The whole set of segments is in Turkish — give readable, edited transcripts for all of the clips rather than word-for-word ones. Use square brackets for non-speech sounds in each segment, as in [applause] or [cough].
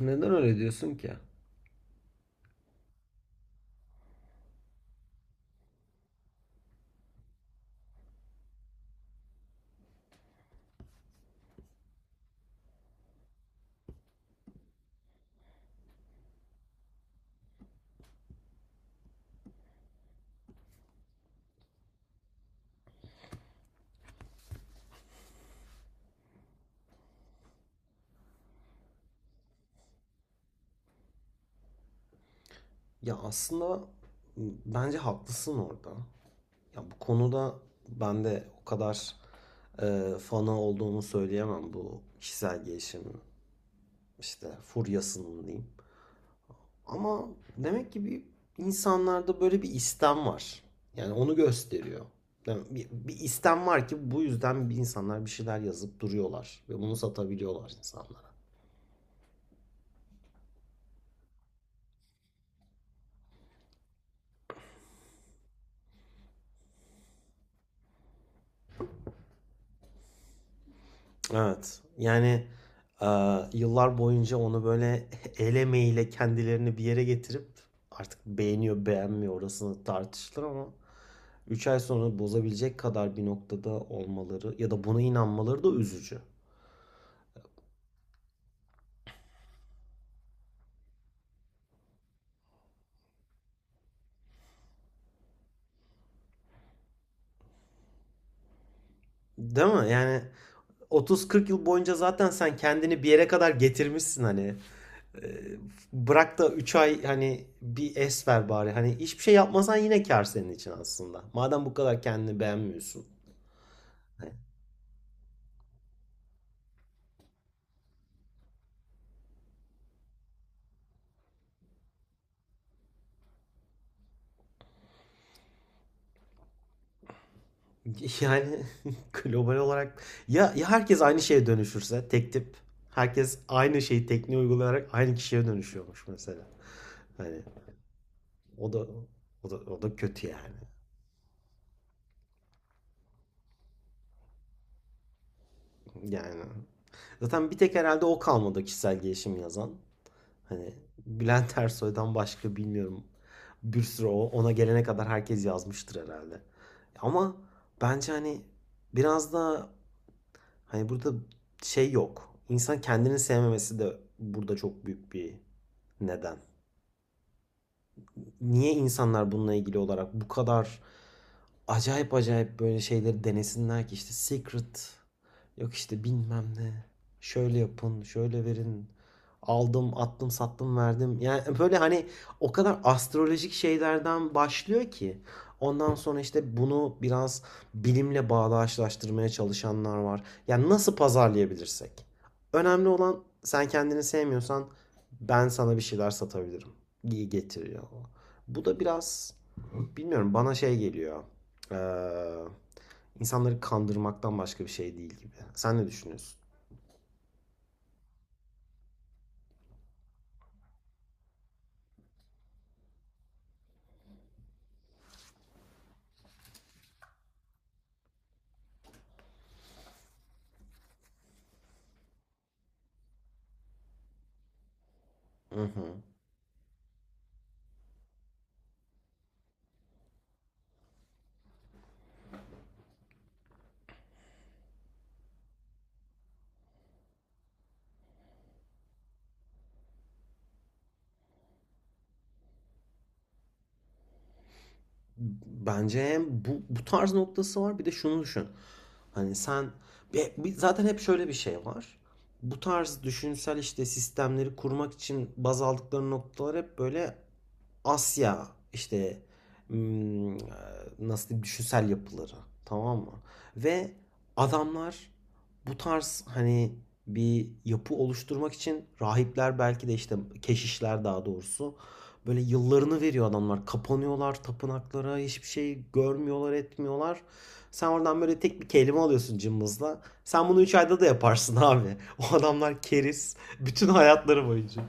Neden öyle diyorsun ki? Ya aslında bence haklısın orada. Ya bu konuda ben de o kadar fanı olduğumu söyleyemem bu kişisel gelişim işte furyasının diyeyim. Ama demek ki bir insanlarda böyle bir istem var. Yani onu gösteriyor. Yani bir istem var ki bu yüzden bir insanlar bir şeyler yazıp duruyorlar ve bunu satabiliyorlar insanlara. Evet. Yani, yıllar boyunca onu böyle [laughs] el emeğiyle kendilerini bir yere getirip artık beğeniyor, beğenmiyor orasını tartışılır ama 3 ay sonra bozabilecek kadar bir noktada olmaları ya da buna inanmaları da üzücü. Değil mi? Yani 30-40 yıl boyunca zaten sen kendini bir yere kadar getirmişsin hani. Eee, bırak da 3 ay hani bir es ver bari. Hani hiçbir şey yapmasan yine kâr senin için aslında. Madem bu kadar kendini beğenmiyorsun. Yani [laughs] global olarak ya herkes aynı şeye dönüşürse tek tip herkes aynı şeyi tekniği uygulayarak aynı kişiye dönüşüyormuş mesela. Hani o da o da kötü yani. Yani zaten bir tek herhalde o kalmadı kişisel gelişim yazan. Hani Bülent Ersoy'dan başka bilmiyorum. Bir sürü ona gelene kadar herkes yazmıştır herhalde. Ama bence hani biraz da hani burada şey yok. İnsan kendini sevmemesi de burada çok büyük bir neden, niye insanlar bununla ilgili olarak bu kadar acayip acayip böyle şeyleri denesinler ki? İşte secret, yok işte bilmem ne, şöyle yapın şöyle verin, aldım attım sattım verdim yani böyle hani. O kadar astrolojik şeylerden başlıyor ki ondan sonra işte bunu biraz bilimle bağdaşlaştırmaya çalışanlar var. Yani nasıl pazarlayabilirsek, önemli olan sen kendini sevmiyorsan ben sana bir şeyler satabilirim, iyi getiriyor. Bu da biraz, bilmiyorum, bana şey geliyor. Ee, insanları kandırmaktan başka bir şey değil gibi. Sen ne düşünüyorsun? Hı hı. Bence hem bu tarz noktası var, bir de şunu düşün. Hani sen, zaten hep şöyle bir şey var. Bu tarz düşünsel işte sistemleri kurmak için baz aldıkları noktalar hep böyle Asya, işte hmm, e, nasıl diyeyim, düşünsel yapıları, tamam mı? Ve adamlar bu tarz hani bir yapı oluşturmak için rahipler, belki de işte keşişler daha doğrusu, böyle yıllarını veriyor adamlar. Kapanıyorlar tapınaklara, hiçbir şey görmüyorlar etmiyorlar. Sen oradan böyle tek bir kelime alıyorsun cımbızla. Sen bunu 3 ayda da yaparsın [laughs] abi. O adamlar keriz bütün hayatları boyunca.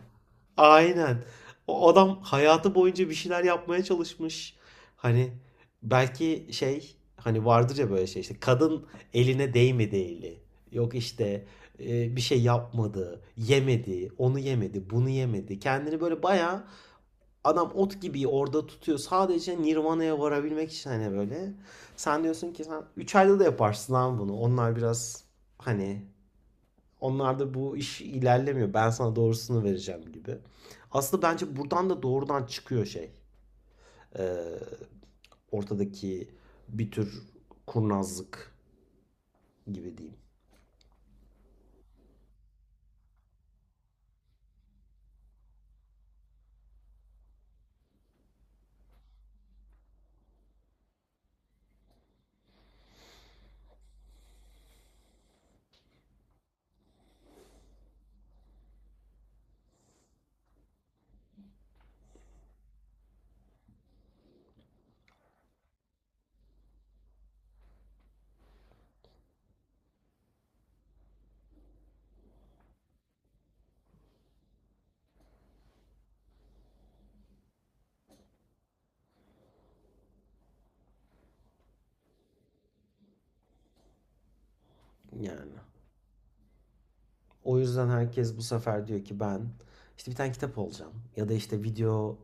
Aynen. O adam hayatı boyunca bir şeyler yapmaya çalışmış. Hani belki şey hani vardır ya, böyle şey işte, kadın eline değmedi eli. Yok işte bir şey yapmadı, yemedi, onu yemedi, bunu yemedi. Kendini böyle bayağı, adam ot gibi orada tutuyor. Sadece Nirvana'ya varabilmek için hani böyle. Sen diyorsun ki sen 3 ayda da yaparsın lan bunu. Onlar biraz hani, onlarda bu iş ilerlemiyor. Ben sana doğrusunu vereceğim gibi. Aslında bence buradan da doğrudan çıkıyor şey. Ee, ortadaki bir tür kurnazlık gibi diyeyim. Yani. O yüzden herkes bu sefer diyor ki, ben işte bir tane kitap olacağım. Ya da işte video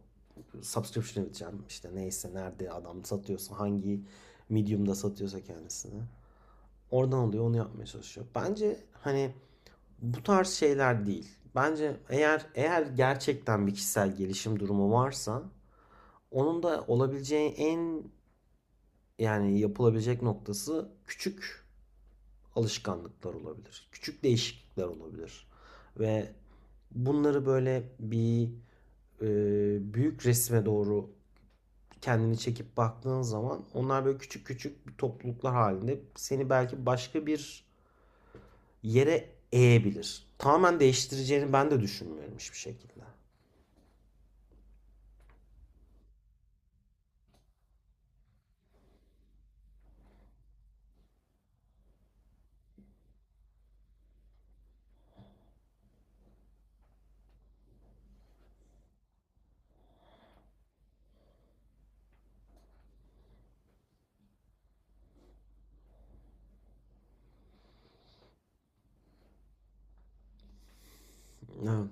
subscription edeceğim. İşte neyse, nerede adam satıyorsa, hangi medium'da satıyorsa kendisini. Oradan alıyor onu yapmaya çalışıyor. Bence hani bu tarz şeyler değil. Bence eğer gerçekten bir kişisel gelişim durumu varsa, onun da olabileceği en, yani yapılabilecek noktası küçük alışkanlıklar olabilir. Küçük değişiklikler olabilir. Ve bunları böyle bir e, büyük resme doğru kendini çekip baktığın zaman, onlar böyle küçük küçük topluluklar halinde seni belki başka bir yere eğebilir. Tamamen değiştireceğini ben de düşünmüyorum hiçbir şekilde. Evet.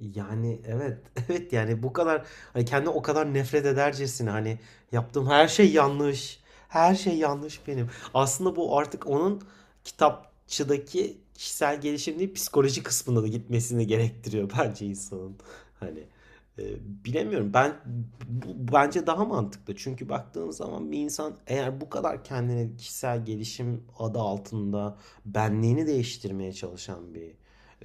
Yani evet, [laughs] evet yani bu kadar hani kendi, o kadar nefret edercesine hani, yaptığım her şey yanlış. Her şey yanlış benim. Aslında bu artık onun kitapçıdaki kişisel gelişim değil, psikoloji kısmında da gitmesini gerektiriyor [laughs] bence insanın. Hani e, bilemiyorum. Ben bence daha mantıklı. Çünkü baktığın zaman bir insan eğer bu kadar kendine kişisel gelişim adı altında benliğini değiştirmeye çalışan bir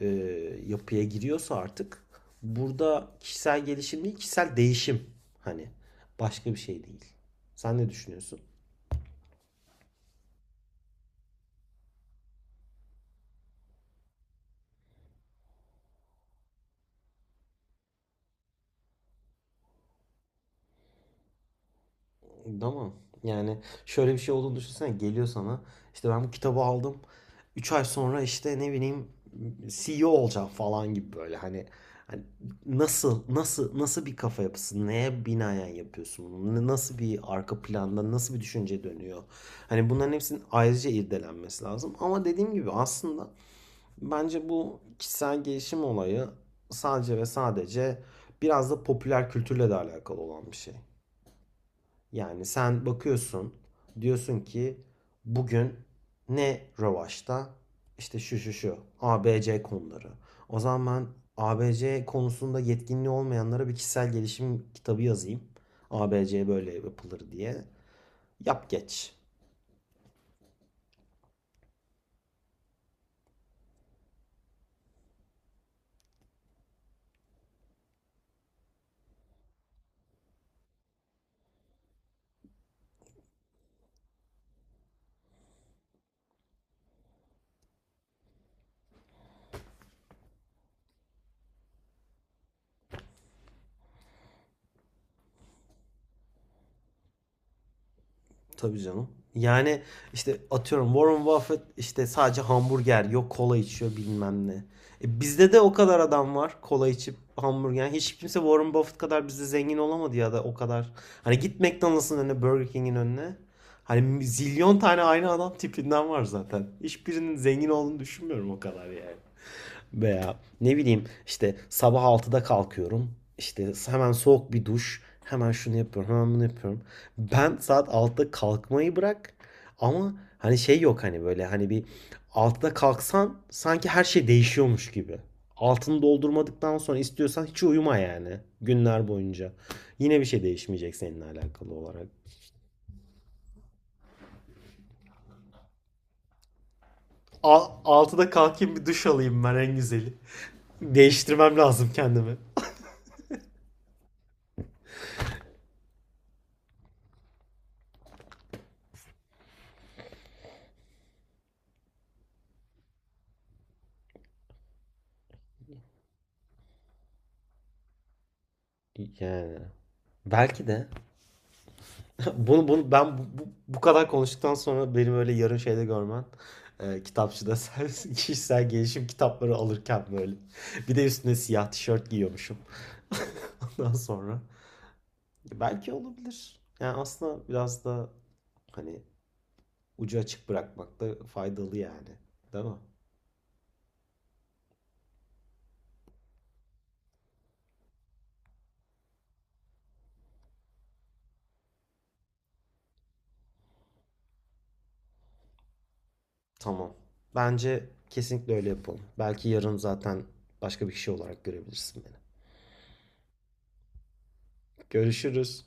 e, yapıya giriyorsa artık, burada kişisel gelişim değil kişisel değişim hani, başka bir şey değil. Sen ne düşünüyorsun? Ama yani şöyle bir şey olduğunu düşünsene, geliyor sana işte, ben bu kitabı aldım, 3 ay sonra işte ne bileyim CEO olacağım falan gibi böyle, hani nasıl nasıl nasıl bir kafa yapısı, neye binaen yapıyorsun bunu, nasıl bir arka planda nasıl bir düşünce dönüyor, hani bunların hepsinin ayrıca irdelenmesi lazım. Ama dediğim gibi aslında, bence bu kişisel gelişim olayı sadece ve sadece biraz da popüler kültürle de alakalı olan bir şey. Yani sen bakıyorsun, diyorsun ki, bugün ne rövaşta? İşte şu şu şu A B C konuları. O zaman ben A B C konusunda yetkinliği olmayanlara bir kişisel gelişim kitabı yazayım. A B C böyle yapılır diye. Yap geç. Tabii canım. Yani işte atıyorum, Warren Buffett işte sadece hamburger, yok kola içiyor, bilmem ne. E bizde de o kadar adam var kola içip hamburger. Yani hiç kimse Warren Buffett kadar bizde zengin olamadı, ya da o kadar. Hani git McDonald's'ın önüne, Burger King'in önüne. Hani zilyon tane aynı adam tipinden var zaten. Hiçbirinin zengin olduğunu düşünmüyorum o kadar yani. Veya ne bileyim, işte sabah 6'da kalkıyorum. İşte hemen soğuk bir duş. Hemen şunu yapıyorum, hemen bunu yapıyorum. Ben saat 6'da kalkmayı bırak. Ama hani şey yok hani, böyle hani bir 6'da kalksan sanki her şey değişiyormuş gibi. Altını doldurmadıktan sonra istiyorsan hiç uyuma yani günler boyunca. Yine bir şey değişmeyecek seninle alakalı olarak. 6'da kalkayım, bir duş alayım, ben en güzeli. Değiştirmem lazım kendimi. Yani belki de bunu ben bu kadar konuştuktan sonra benim öyle yarın şeyde görmen, kitapçıda [laughs] sen kişisel gelişim kitapları alırken, böyle bir de üstüne siyah tişört giyiyormuşum. [laughs] Ondan sonra belki olabilir. Yani aslında biraz da hani ucu açık bırakmak da faydalı yani. Değil mi? Tamam. Bence kesinlikle öyle yapalım. Belki yarın zaten başka bir kişi olarak görebilirsin beni. Görüşürüz.